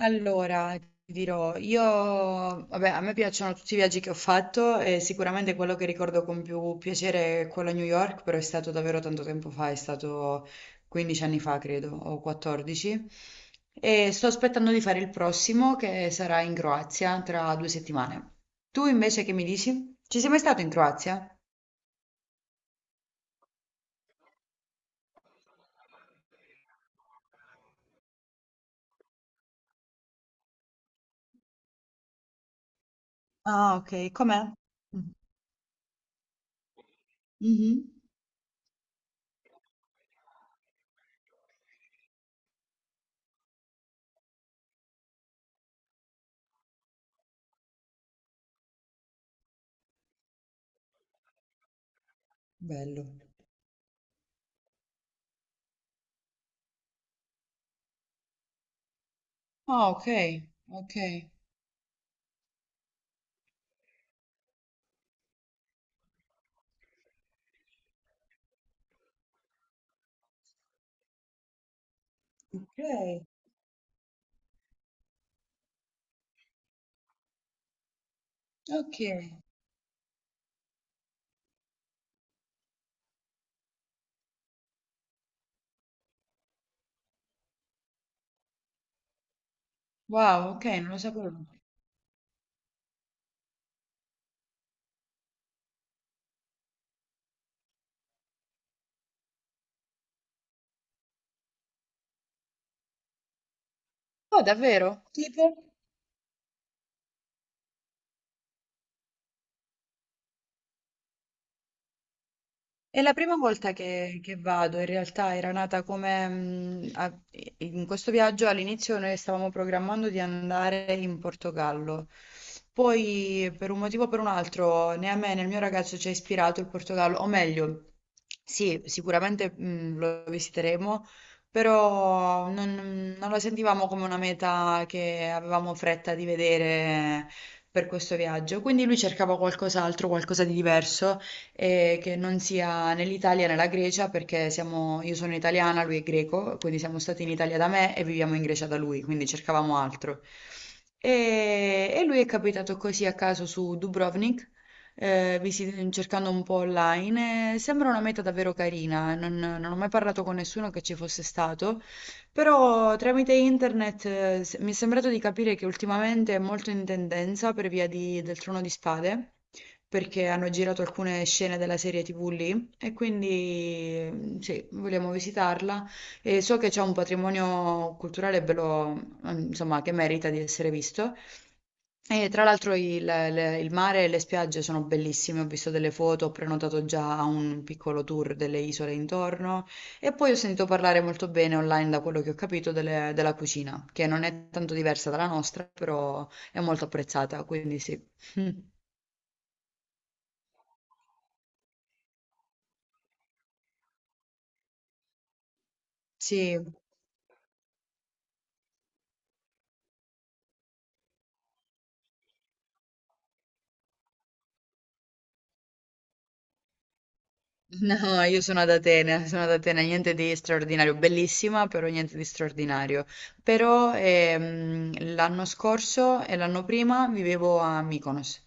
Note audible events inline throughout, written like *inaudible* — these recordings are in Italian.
Allora, ti dirò, io, vabbè, a me piacciono tutti i viaggi che ho fatto e sicuramente quello che ricordo con più piacere è quello a New York, però è stato davvero tanto tempo fa, è stato 15 anni fa, credo, o 14. E sto aspettando di fare il prossimo che sarà in Croazia tra due settimane. Tu invece che mi dici? Ci sei mai stato in Croazia? Ah, ok, com'è? Mm. Mhm. Bello. Ah, ok, ok. Ok, ok. Wow, ok, non lo sapevo. Oh, davvero? Tipo? È la prima volta che, vado, in realtà era nata come in questo viaggio all'inizio noi stavamo programmando di andare in Portogallo, poi per un motivo o per un altro né a me né al mio ragazzo ci ha ispirato il Portogallo, o meglio, sì, sicuramente lo visiteremo, però non la sentivamo come una meta che avevamo fretta di vedere per questo viaggio, quindi lui cercava qualcos'altro, qualcosa di diverso e che non sia né l'Italia né la Grecia perché siamo, io sono italiana, lui è greco, quindi siamo stati in Italia da me e viviamo in Grecia da lui, quindi cercavamo altro. E lui è capitato così a caso su Dubrovnik, cercando un po' online. E sembra una meta davvero carina, non ho mai parlato con nessuno che ci fosse stato, però tramite internet, mi è sembrato di capire che ultimamente è molto in tendenza per via del Trono di Spade perché hanno girato alcune scene della serie TV lì e quindi sì, vogliamo visitarla e so che c'è un patrimonio culturale bello, mm, insomma, che merita di essere visto. E tra l'altro il mare e le spiagge sono bellissime, ho visto delle foto, ho prenotato già un piccolo tour delle isole intorno e poi ho sentito parlare molto bene online da quello che ho capito della cucina, che non è tanto diversa dalla nostra, però è molto apprezzata, quindi sì. *laughs* Sì. No, io sono ad Atene, niente di straordinario, bellissima, però niente di straordinario. Però l'anno scorso e l'anno prima vivevo a Mykonos.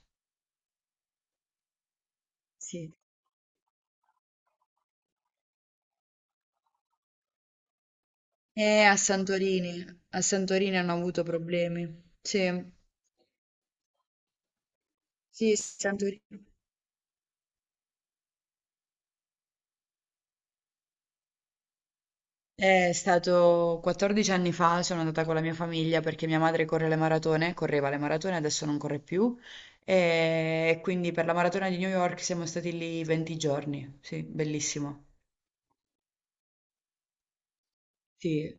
Sì, e a Santorini. A Santorini hanno avuto problemi. Sì, sì, Santorini. È stato 14 anni fa, sono andata con la mia famiglia perché mia madre corre le maratone, correva le maratone, adesso non corre più. E quindi per la maratona di New York siamo stati lì 20 giorni. Sì, bellissimo. Sì,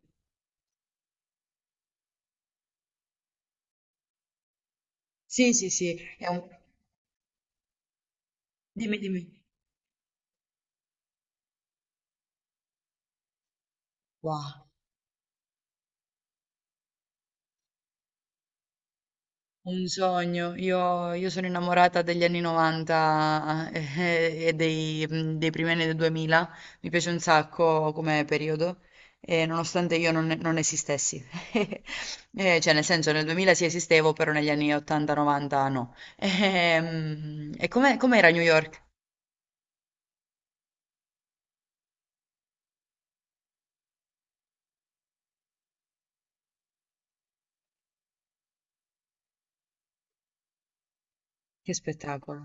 sì, sì, sì. È un... Dimmi, dimmi. Wow. Un sogno, io sono innamorata degli anni 90, e dei, dei primi anni del 2000, mi piace un sacco come periodo, e nonostante io non, non esistessi, *laughs* eh, cioè nel senso nel 2000 sì esistevo, però negli anni 80-90 no. E, come com'era New York? Che spettacolo.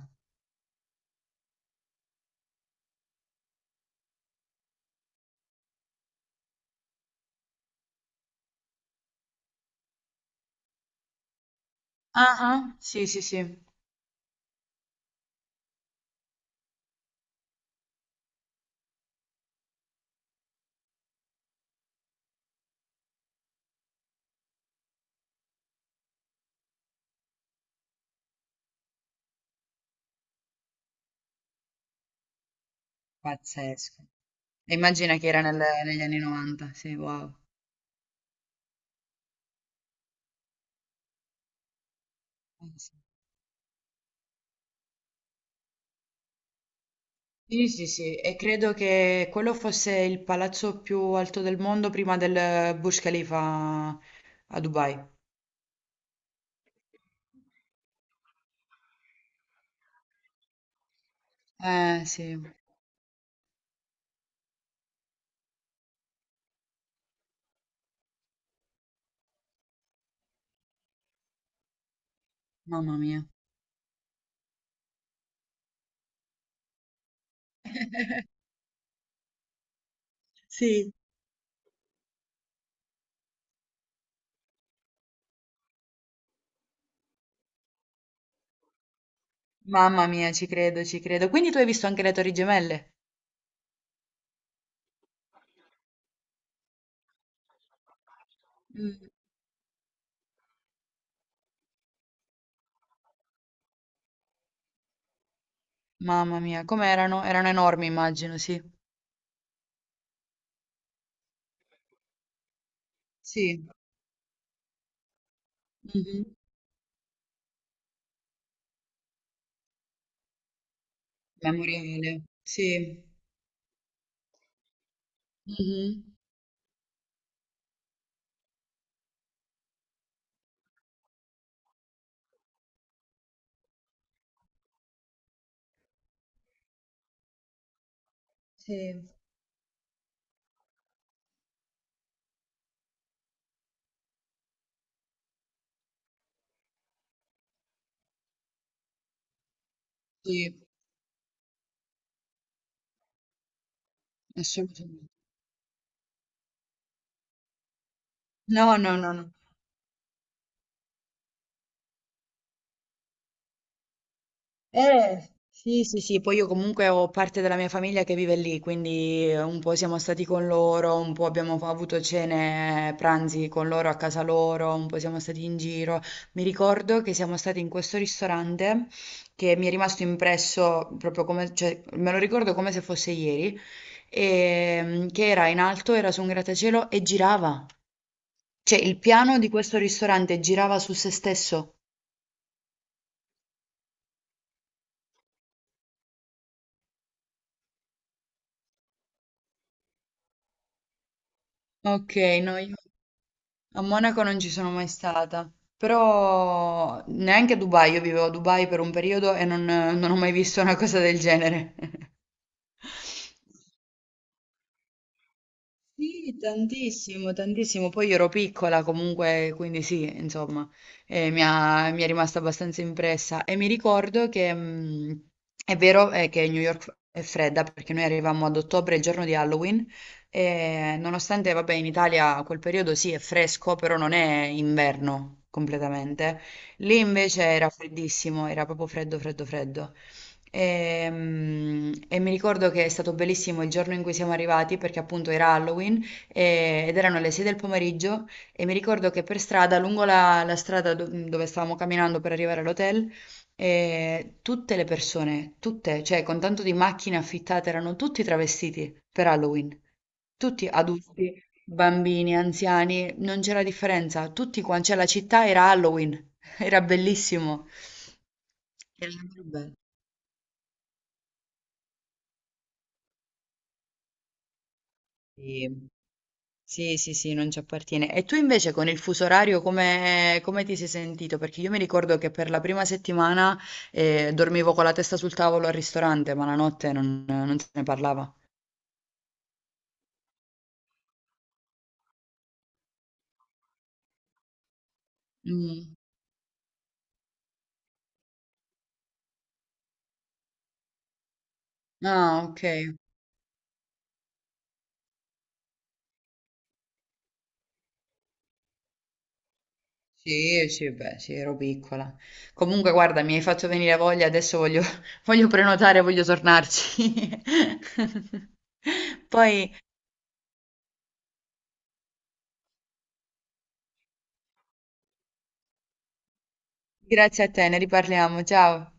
Ah, ah, sì, sì, sì, pazzesco. E immagina che era negli anni 90, sì, wow. Sì. Sì, sì, sì, e credo che quello fosse il palazzo più alto del mondo prima del Burj Khalifa a Dubai. Eh sì, mamma mia. Sì. Mamma mia, ci credo, ci credo. Quindi tu hai visto anche le Torri Gemelle? Mm. Mamma mia, com'erano? Erano enormi, immagino, sì. Sì. Mhm. Memoriale. Sì. Mhm. Sì. Sì, assolutamente. No, no, no, no. Sì, sì, sì, poi io comunque ho parte della mia famiglia che vive lì, quindi un po' siamo stati con loro, un po' abbiamo avuto cene, pranzi con loro a casa loro, un po' siamo stati in giro. Mi ricordo che siamo stati in questo ristorante che mi è rimasto impresso proprio come, cioè, me lo ricordo come se fosse ieri, e, che era in alto, era su un grattacielo e girava. Cioè, il piano di questo ristorante girava su se stesso. Ok, no, io... A Monaco non ci sono mai stata, però neanche a Dubai, io vivevo a Dubai per un periodo e non ho mai visto una cosa del genere. *laughs* Sì, tantissimo, tantissimo. Poi io ero piccola comunque, quindi sì, insomma, mi è rimasta abbastanza impressa. E mi ricordo che è vero che New York è fredda perché noi arrivavamo ad ottobre, il giorno di Halloween, e nonostante, vabbè, in Italia quel periodo sì è fresco, però non è inverno completamente. Lì invece era freddissimo, era proprio freddo, freddo, freddo. Ehm, E, mi ricordo che è stato bellissimo il giorno in cui siamo arrivati perché appunto era Halloween ed erano le 6 del pomeriggio e mi ricordo che per strada, la strada dove stavamo camminando per arrivare all'hotel, tutte le persone, tutte, cioè con tanto di macchine affittate, erano tutti travestiti per Halloween, tutti adulti, bambini, anziani, non c'era differenza, tutti quanti, cioè la città era Halloween, *laughs* era bellissimo. Era davvero bello. Sì. Sì, sì, sì, non ci appartiene. E tu invece con il fuso orario come, come ti sei sentito? Perché io mi ricordo che per la prima settimana dormivo con la testa sul tavolo al ristorante, ma la notte non se ne parlava. Mm. Ah, ok. Sì, sì, beh, sì, ero piccola. Comunque, guarda, mi hai fatto venire voglia, adesso voglio, *laughs* voglio prenotare, voglio tornarci. *laughs* Poi, grazie a te, ne riparliamo. Ciao.